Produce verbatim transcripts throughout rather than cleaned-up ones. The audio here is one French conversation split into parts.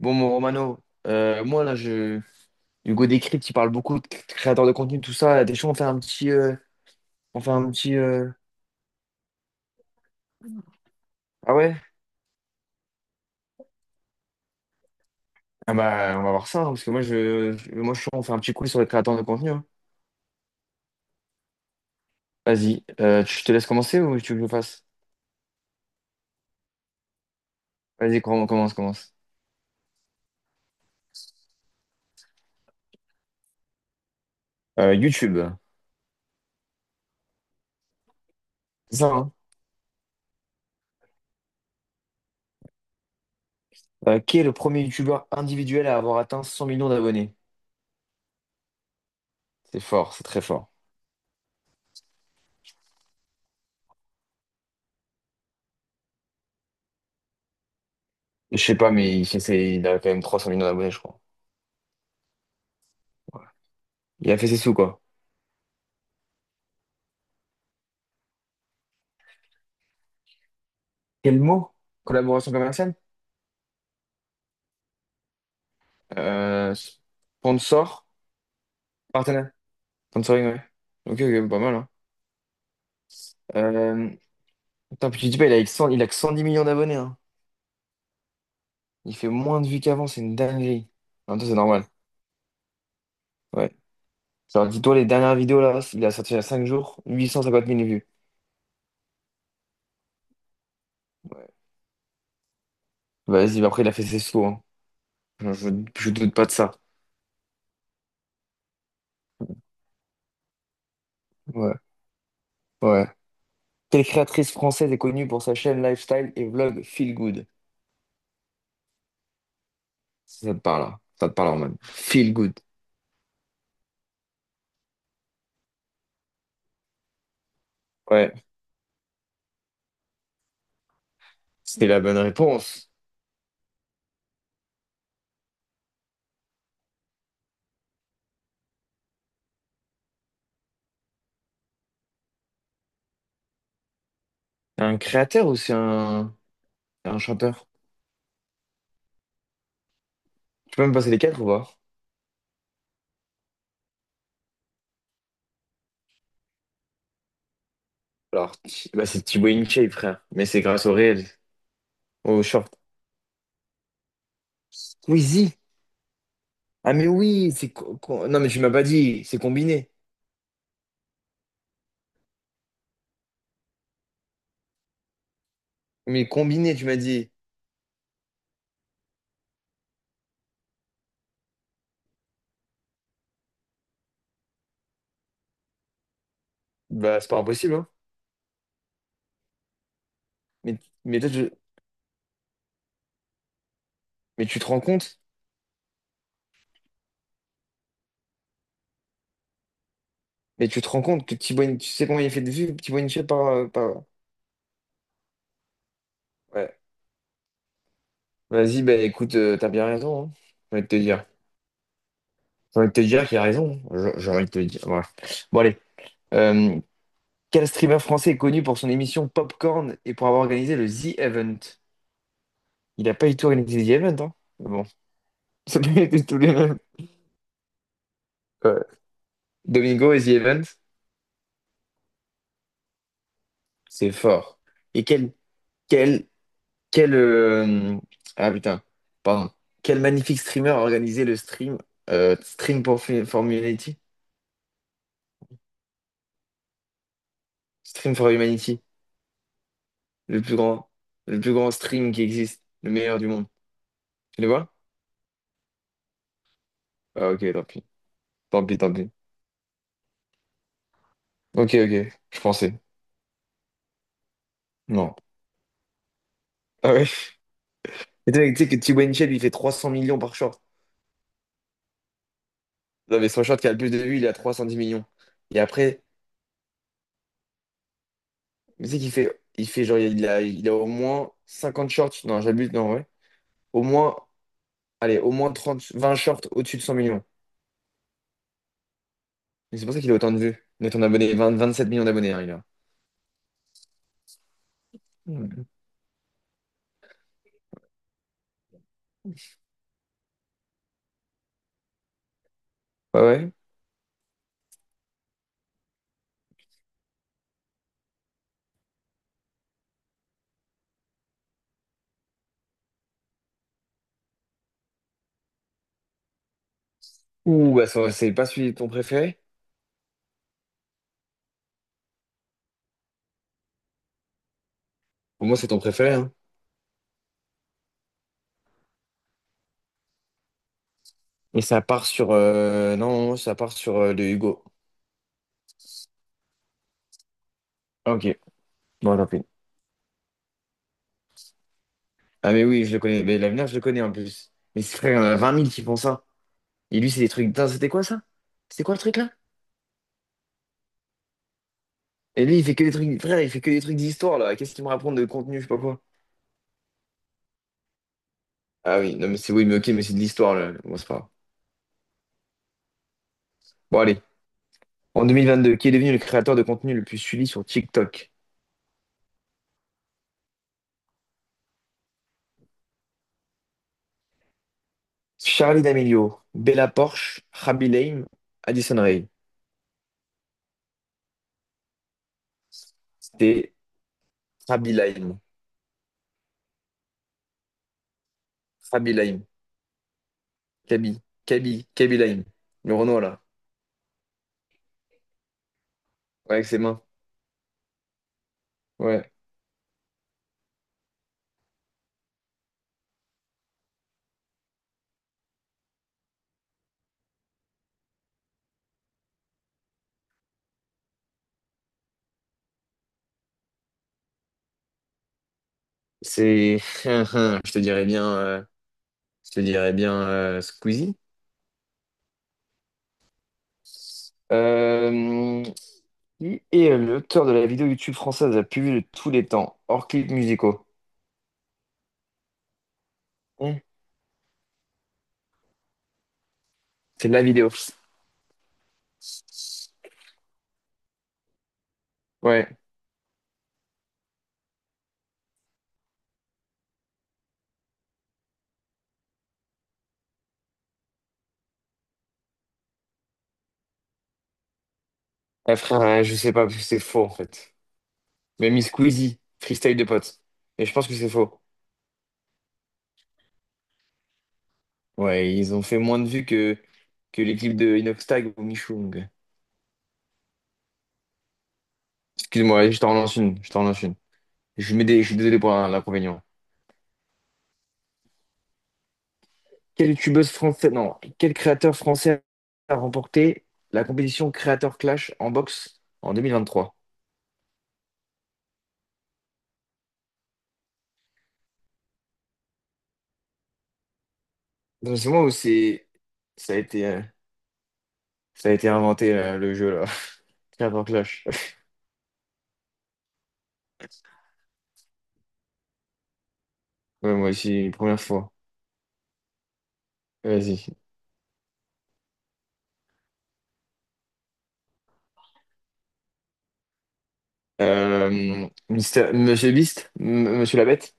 Bon, mon Romano, euh, moi là, je... Hugo Décrypte, il parle beaucoup de créateurs de contenu, tout ça. T'es on fait un petit, euh, on fait un petit, euh, ah ouais? Ah bah, on va voir ça, hein, parce que moi, je... je- moi, je suis chaud, on fait un petit quiz sur les créateurs de contenu, hein. Vas-y, euh, tu- je te laisse commencer ou tu veux que je le fasse? Vas-y, com- commence, commence. Euh, YouTube, c'est ça, hein? Euh, qui est le premier youtubeur individuel à avoir atteint 100 millions d'abonnés? C'est fort, c'est très fort. Je sais pas, mais il, fait ses- il a quand même 300 millions d'abonnés, je crois. Ouais. Il a fait ses sous, quoi. Quel mot? Collaboration commerciale? Euh, sponsor, partenaire, sponsoring, ouais. Ok, ok, pas mal, hein. Euh, putain, puis tu dis pas, il a, que cent il a que cent dix millions d'abonnés, hein. Il fait moins de vues qu'avant, c'est une dinguerie. En même temps, c'est normal, ouais. Genre, dis-toi, les dernières vidéos, là, il a sorti il y a cinq jours, huit cent cinquante mille vues. Ouais. Vas-y, bah après, il a fait ses sauts, hein. Je, je, je doute pas de ça. Ouais, ouais. Quelle créatrice française est connue pour sa chaîne lifestyle et vlog Feel Good? Ça te parle, hein. Ça te parle, en mode Feel Good. Ouais, c'était la bonne réponse. Un créateur ou c'est un, un chanteur? Tu peux même passer les quatre ou pas? Alors, Ti- bah, c'est Thibaut InShape, frère. Mais c'est grâce au réel, au short. Squeezie! Ah, mais oui, c'est, co- co- non, mais tu m'as pas dit, c'est combiné. Mais combiné, tu m'as dit. Bah, c'est pas impossible, hein. Mais, mais, toi, tu- mais tu te rends compte? Mais tu te rends compte que Thibaut In- tu sais combien il a fait de vues, Thibaut InShape par, euh, par. Ouais. Vas-y, bah écoute, euh, t'as bien raison, hein. J'ai envie de te dire. J'ai envie de te dire qu'il a raison, hein. J'ai j'ai envie de te dire. Ouais. Bon, allez, euh, quel streamer français est connu pour son émission Popcorn et pour avoir organisé le The Event? Il n'a pas du tout organisé The Event, hein? Mais bon, ça peut être tous les mêmes. Ouais. Domingo et The Event, c'est fort. Et quel, quel, quel, euh, ah putain, pardon. Quel magnifique streamer a organisé le stream, euh, Stream for, for Humanity? Stream for Humanity, le plus grand, le plus grand stream qui existe, le meilleur du monde. Tu le vois? Ah ok, tant pis, tant pis, tant pis. Ok, ok, je pensais. Non. Ah ouais? Et tu sais tu sais que T-Boy il fait 300 millions par short. Non, mais son short qui a le plus de vues, il est à trois cent dix millions. Et après, mais tu sais qu'il fait, il fait genre, il a, il a au moins cinquante shorts. Non, j'abuse, non, ouais. Au moins, allez, au moins trente, vingt shorts au-dessus de cent millions. Et c'est pour ça qu'il a autant de vues. Mais ton abonné, vingt vingt-sept millions d'abonnés, hein, il a. Mm. Ouais, ouais. Ouh, bah, ça- c'est pas celui de ton préféré? Pour moi, c'est ton préféré, hein. Et ça part sur, euh, non, ça part sur euh, le Hugo. Ah, ok, bon, tant pis. Ah, mais oui, je le connais. Mais l'avenir, je le connais en plus. Mais c'est frère, il y en a vingt mille qui font ça. Et lui, c'est des trucs. Putain, c'était quoi ça? C'était quoi le truc là? Et lui, il fait que des trucs. Frère, il fait que des trucs d'histoire là. Qu'est-ce qu'il me raconte de contenu, je sais pas quoi. Ah oui, non, mais c'est oui, mais ok, mais c'est de l'histoire là. Bon, c'est pas grave. Bon, allez. En deux mille vingt-deux, qui est devenu le créateur de contenu le plus suivi sur TikTok? Charlie D'Amelio, Bella Porsche, Rabi Lame, Addison Rae. C'était Rabi Lame. Rabi Lame. Kaby. Kaby. Kaby Lame. Le Renault là. Ouais, avec ses mains. Ouais. C'est. Je te dirais bien, euh, je te dirais bien, euh, Squeezie. Euh, qui est l'auteur de la vidéo YouTube française la plus vue de tous les temps, hors clips musicaux? Hmm. C'est de la vidéo. Ouais. Ah, frère, euh, je sais pas, parce que c'est faux en fait. Même Squeezie, freestyle de potes. Mais je pense que c'est faux. Ouais, ils ont fait moins de vues que, que les clips de Inox Tag ou Michoung. Excuse-moi, je t'en relance une. Je t'en relance une. Je mets des, je suis désolé pour l'inconvénient. Quelle youtubeuse française, non, quel créateur français a remporté la compétition Créateur Clash en boxe en deux mille vingt-trois? Dans ce moment où c'est, ça a été, euh, ça a été inventé là, le jeu là. Carte en clash. Ouais, moi aussi, première fois. Vas-y. Euh, Mister- Monsieur Beast, M- Monsieur la Bête,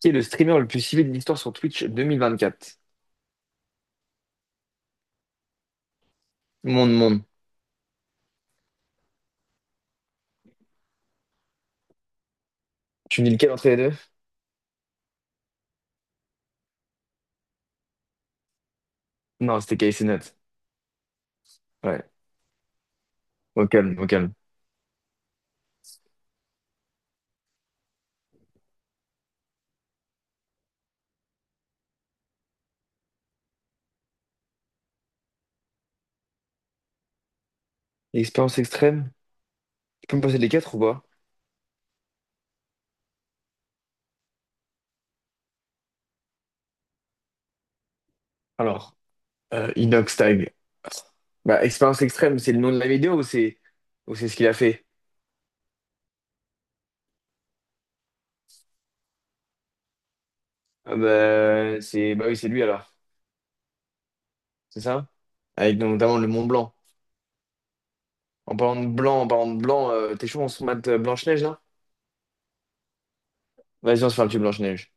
qui est le streamer le plus suivi de l'histoire sur Twitch deux mille vingt-quatre? Monde, monde. Tu me dis lequel entre les deux? Non, c'était K C Nat. Ouais. Au calme, au calme. Expérience extrême? Tu peux me passer les quatre ou pas? Alors, euh, Inox Tag. Bah, expérience extrême, c'est le nom de la vidéo ou c'est ou c'est ce qu'il a fait? Ah bah, c'est bah oui, c'est lui alors, c'est ça? Avec donc, notamment le Mont Blanc. En parlant de blanc, en parlant de blanc, euh, t'es chaud, on se mate euh, Blanche-Neige là? Vas-y, on se fait un petit Blanche-Neige.